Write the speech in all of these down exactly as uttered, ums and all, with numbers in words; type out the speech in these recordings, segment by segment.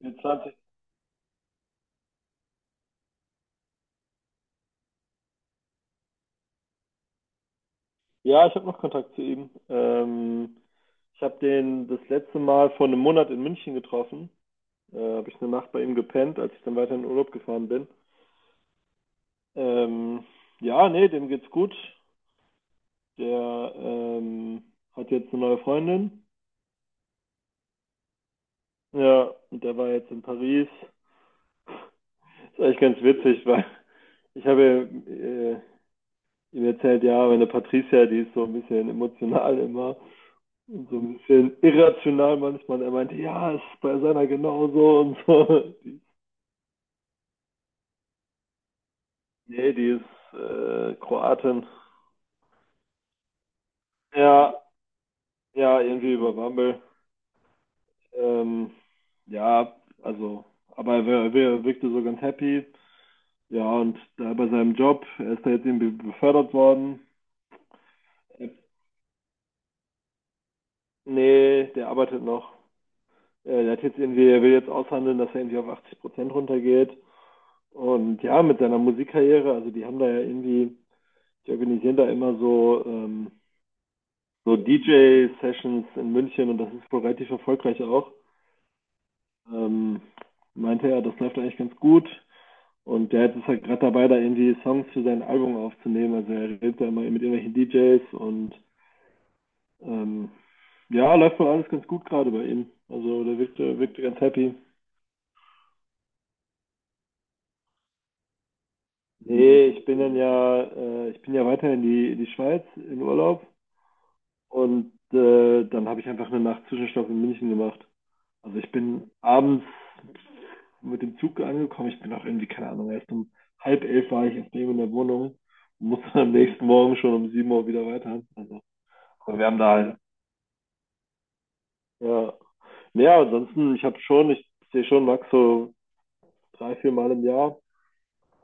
Jetzt hatte Ja, ich habe noch Kontakt zu ihm. Ähm, ich habe den das letzte Mal vor einem Monat in München getroffen. Äh, habe ich eine Nacht bei ihm gepennt, als ich dann weiter in den Urlaub gefahren bin. Ähm, ja, nee, dem geht's gut. Der ähm, hat jetzt eine neue Freundin. Ja, und der war jetzt in Paris. Das ist eigentlich ganz witzig, weil ich habe äh, ihm erzählt, ja, meine Patricia, die ist so ein bisschen emotional immer, so ein bisschen irrational manchmal. Er meinte, ja, ist bei seiner genauso und so. Die, nee, die ist äh, Kroatin. Ja, ja, irgendwie über Bumble. Ähm, ja, also, aber er, wir- wirkte so ganz happy. Ja, und da bei seinem Job, er ist da jetzt irgendwie befördert worden. Äh, Nee, der arbeitet noch. Er Der hat jetzt irgendwie, er will jetzt aushandeln, dass er irgendwie auf achtzig Prozent runtergeht. Und ja, mit seiner Musikkarriere, also die haben da ja irgendwie die organisieren da immer so, ähm, so D J-Sessions in München und das ist wohl relativ erfolgreich auch. Ähm, Meinte er, das läuft eigentlich ganz gut. Und der ist halt gerade dabei, da irgendwie Songs für sein Album aufzunehmen. Also er redet da immer mit irgendwelchen D Js und ähm, ja, läuft wohl alles ganz gut gerade bei ihm. Also der wirkte, wirkte ganz happy. Nee, ich bin dann ja, äh, ich bin ja weiter in die, in die Schweiz in Urlaub und äh, dann habe ich einfach eine Nacht Zwischenstopp in München gemacht. Also ich bin abends mit dem Zug angekommen. Ich bin auch irgendwie, keine Ahnung, erst um halb elf war ich erst eben in der Wohnung und musste dann am nächsten Morgen schon um sieben Uhr wieder weiter. Also, wir haben da halt. Ja. Naja, ansonsten, ich habe schon, ich sehe schon Max so drei, vier Mal im Jahr.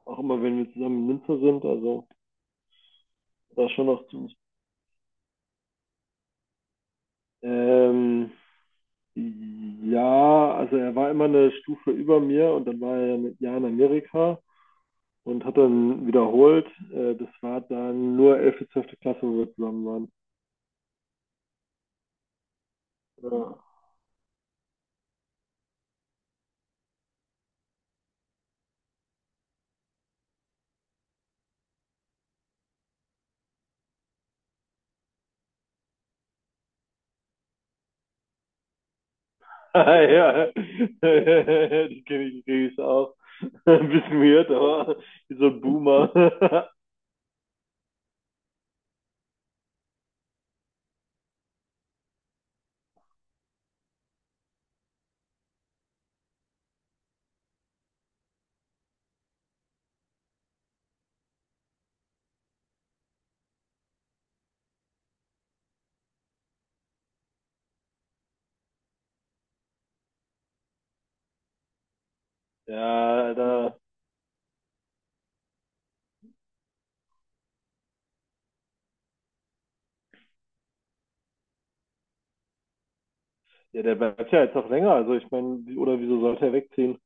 Auch immer, wenn wir zusammen in Münster sind. Also, da schon noch ziemlich. Ähm, ja, also er war immer eine Stufe über mir und dann war er mit Jahr in Amerika und hat dann wiederholt. Äh, das war dann nur elfte zwölfte Klasse, wo wir zusammen waren. Ja. Ja, die kenne ich, die kenn ich auch. Ein bisschen weird, aber wie so ein Boomer. Ja, Alter. Ja, der bleibt ja jetzt auch länger. Also ich meine, oder wieso sollte er wegziehen?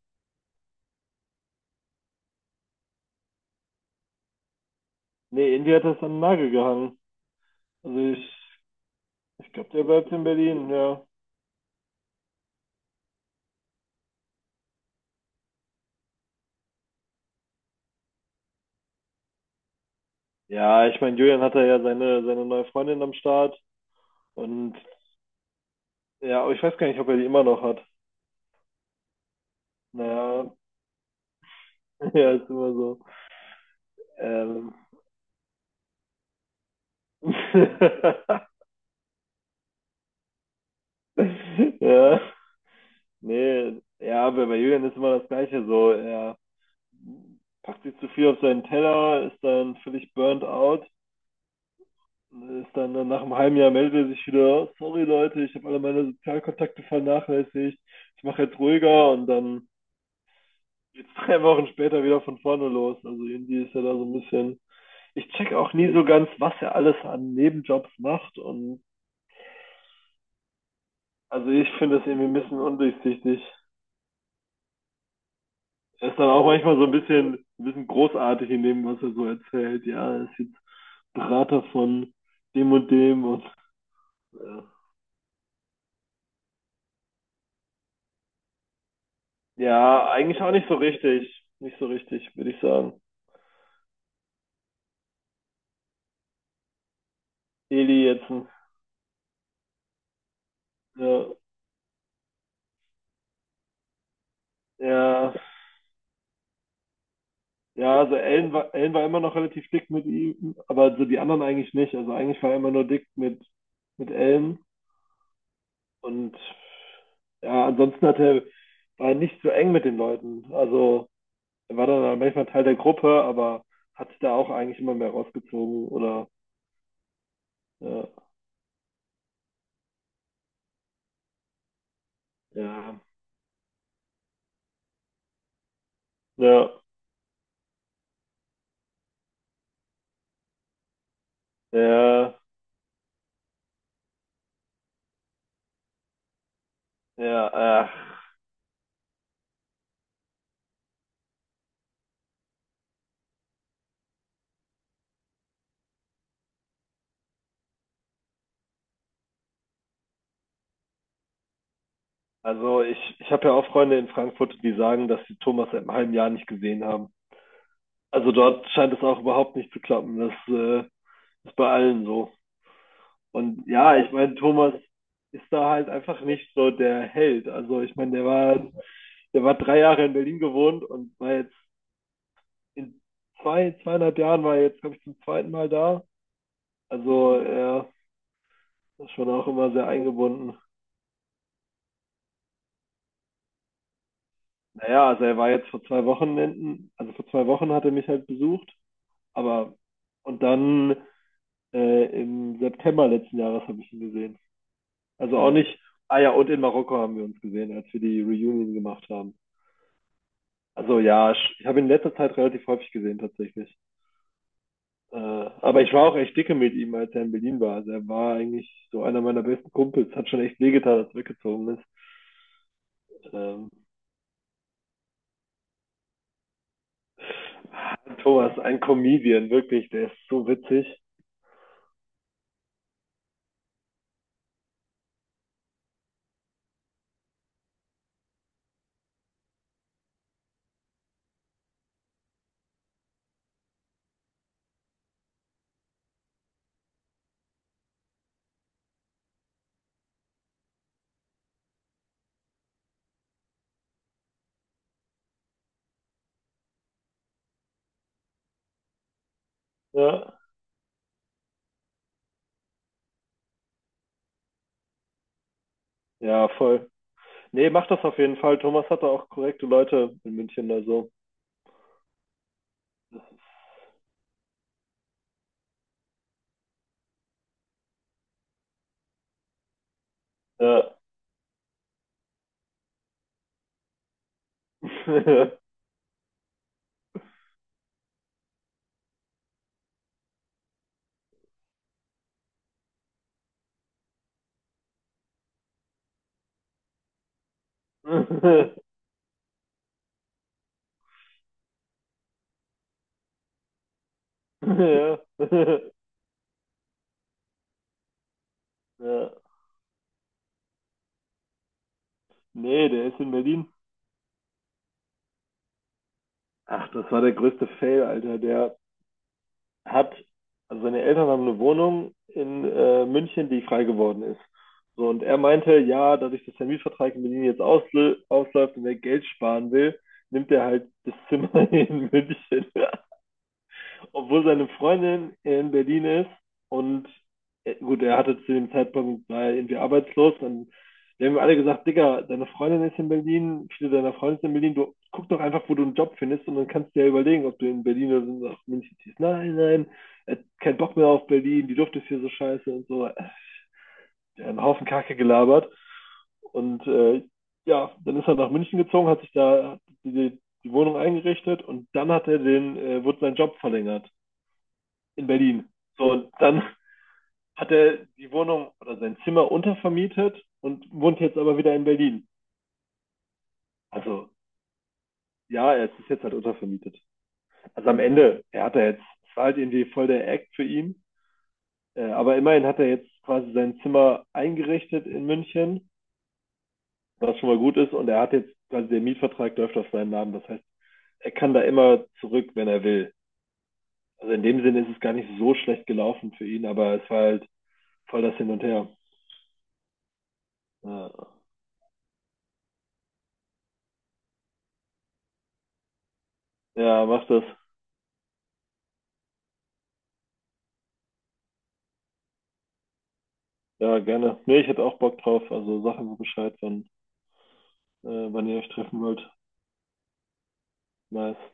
Nee, Indy hat das an den Nagel gehangen. Also ich, ich glaube, der bleibt in Berlin, ja. Ja, ich meine, Julian hatte ja seine, seine neue Freundin am Start. Und ja, aber ich weiß gar nicht, ob er die immer noch hat. Naja, ja, ist immer so. Ähm. Ja. Nee, ja, bei bei Julian ist immer das Gleiche so. Er packt sich zu viel auf seinen Teller, ist dann völlig burnt out, ist dann äh, nach einem halben Jahr meldet er sich wieder, sorry Leute, ich habe alle meine Sozialkontakte vernachlässigt, ich mache jetzt ruhiger und dann jetzt drei Wochen später wieder von vorne los. Also irgendwie ist er da so ein bisschen. Ich check auch nie so ganz, was er alles an Nebenjobs macht und also ich finde das irgendwie ein bisschen undurchsichtig. Er ist dann auch manchmal so ein bisschen, ein bisschen großartig in dem, was er so erzählt. Ja, er ist jetzt Berater von dem und dem und ja. Ja, eigentlich auch nicht so richtig. Nicht so richtig, würde ich sagen. Eli jetzt. Ja, ja, ja, also Ellen war, Ellen war immer noch relativ dick mit ihm, aber so die anderen eigentlich nicht. Also eigentlich war er immer nur dick mit, mit Ellen. Und ja, ansonsten hat er, war er nicht so eng mit den Leuten. Also er war dann manchmal Teil der Gruppe, aber hat sich da auch eigentlich immer mehr rausgezogen oder ja, ja, ja, ja, ja. äh, Also ich, ich habe ja auch Freunde in Frankfurt, die sagen, dass sie Thomas seit einem halben Jahr nicht gesehen haben. Also dort scheint es auch überhaupt nicht zu klappen. Das äh, ist bei allen so. Und ja, ich meine, Thomas ist da halt einfach nicht so der Held. Also ich meine, der war, der war drei Jahre in Berlin gewohnt und war jetzt in zwei, zweieinhalb Jahren war er jetzt, glaube ich, zum zweiten Mal da. Also er ist schon auch immer sehr eingebunden. Naja, also er war jetzt vor zwei Wochenenden, also vor zwei Wochen hat er mich halt besucht, aber und dann äh, im September letzten Jahres habe ich ihn gesehen. Also auch Hm. nicht, ah ja, und in Marokko haben wir uns gesehen, als wir die Reunion gemacht haben. Also ja, sch- ich habe ihn in letzter Zeit relativ häufig gesehen tatsächlich. Äh, aber ich war auch echt dicke mit ihm, als er in Berlin war. Also er war eigentlich so einer meiner besten Kumpels. Hat schon echt wehgetan, als er weggezogen ist. Ähm, Thomas, ein Comedian, wirklich, der ist so witzig. Ja, ja, voll. Nee, mach das auf jeden Fall. Thomas hat da auch korrekte Leute in München, also. Ja. Ja. Ja. Nee, der ist in Berlin. Ach, das war der größte Fail, Alter. Der hat, also seine Eltern haben eine Wohnung in äh, München, die frei geworden ist. So, und er meinte, ja, dadurch, dass der Mietvertrag in Berlin jetzt auslö- ausläuft und er Geld sparen will, nimmt er halt das Zimmer in München. Ja, obwohl seine Freundin in Berlin ist und äh, gut, er hatte zu dem Zeitpunkt war er irgendwie arbeitslos, dann die haben mir alle gesagt, Digga, deine Freundin ist in Berlin, viele deiner Freunde sind in Berlin, du guck doch einfach, wo du einen Job findest und dann kannst du dir überlegen, ob du in Berlin oder so nach München ziehst. Nein, nein, er hat keinen Bock mehr auf Berlin, die Luft ist hier so scheiße und so. Der hat einen Haufen Kacke gelabert und äh, ja, dann ist er nach München gezogen, hat sich da die, die Wohnung eingerichtet und dann hat er den, äh, wurde sein Job verlängert in Berlin. So, dann hat er die Wohnung oder sein Zimmer untervermietet und wohnt jetzt aber wieder in Berlin. Also ja, es ist jetzt halt untervermietet. Also am Ende, er hat er jetzt, es war halt irgendwie voll der Act für ihn. Äh, aber immerhin hat er jetzt quasi sein Zimmer eingerichtet in München, was schon mal gut ist. Und er hat jetzt quasi der Mietvertrag läuft auf seinen Namen. Das heißt, er kann da immer zurück, wenn er will. Also in dem Sinne ist es gar nicht so schlecht gelaufen für ihn, aber es war halt voll das Hin und Her. Ja, ja mach das. Ja, gerne. Nee, ich hätte auch Bock drauf. Also sag mir Bescheid, wann, äh, wann ihr euch treffen wollt. Nice.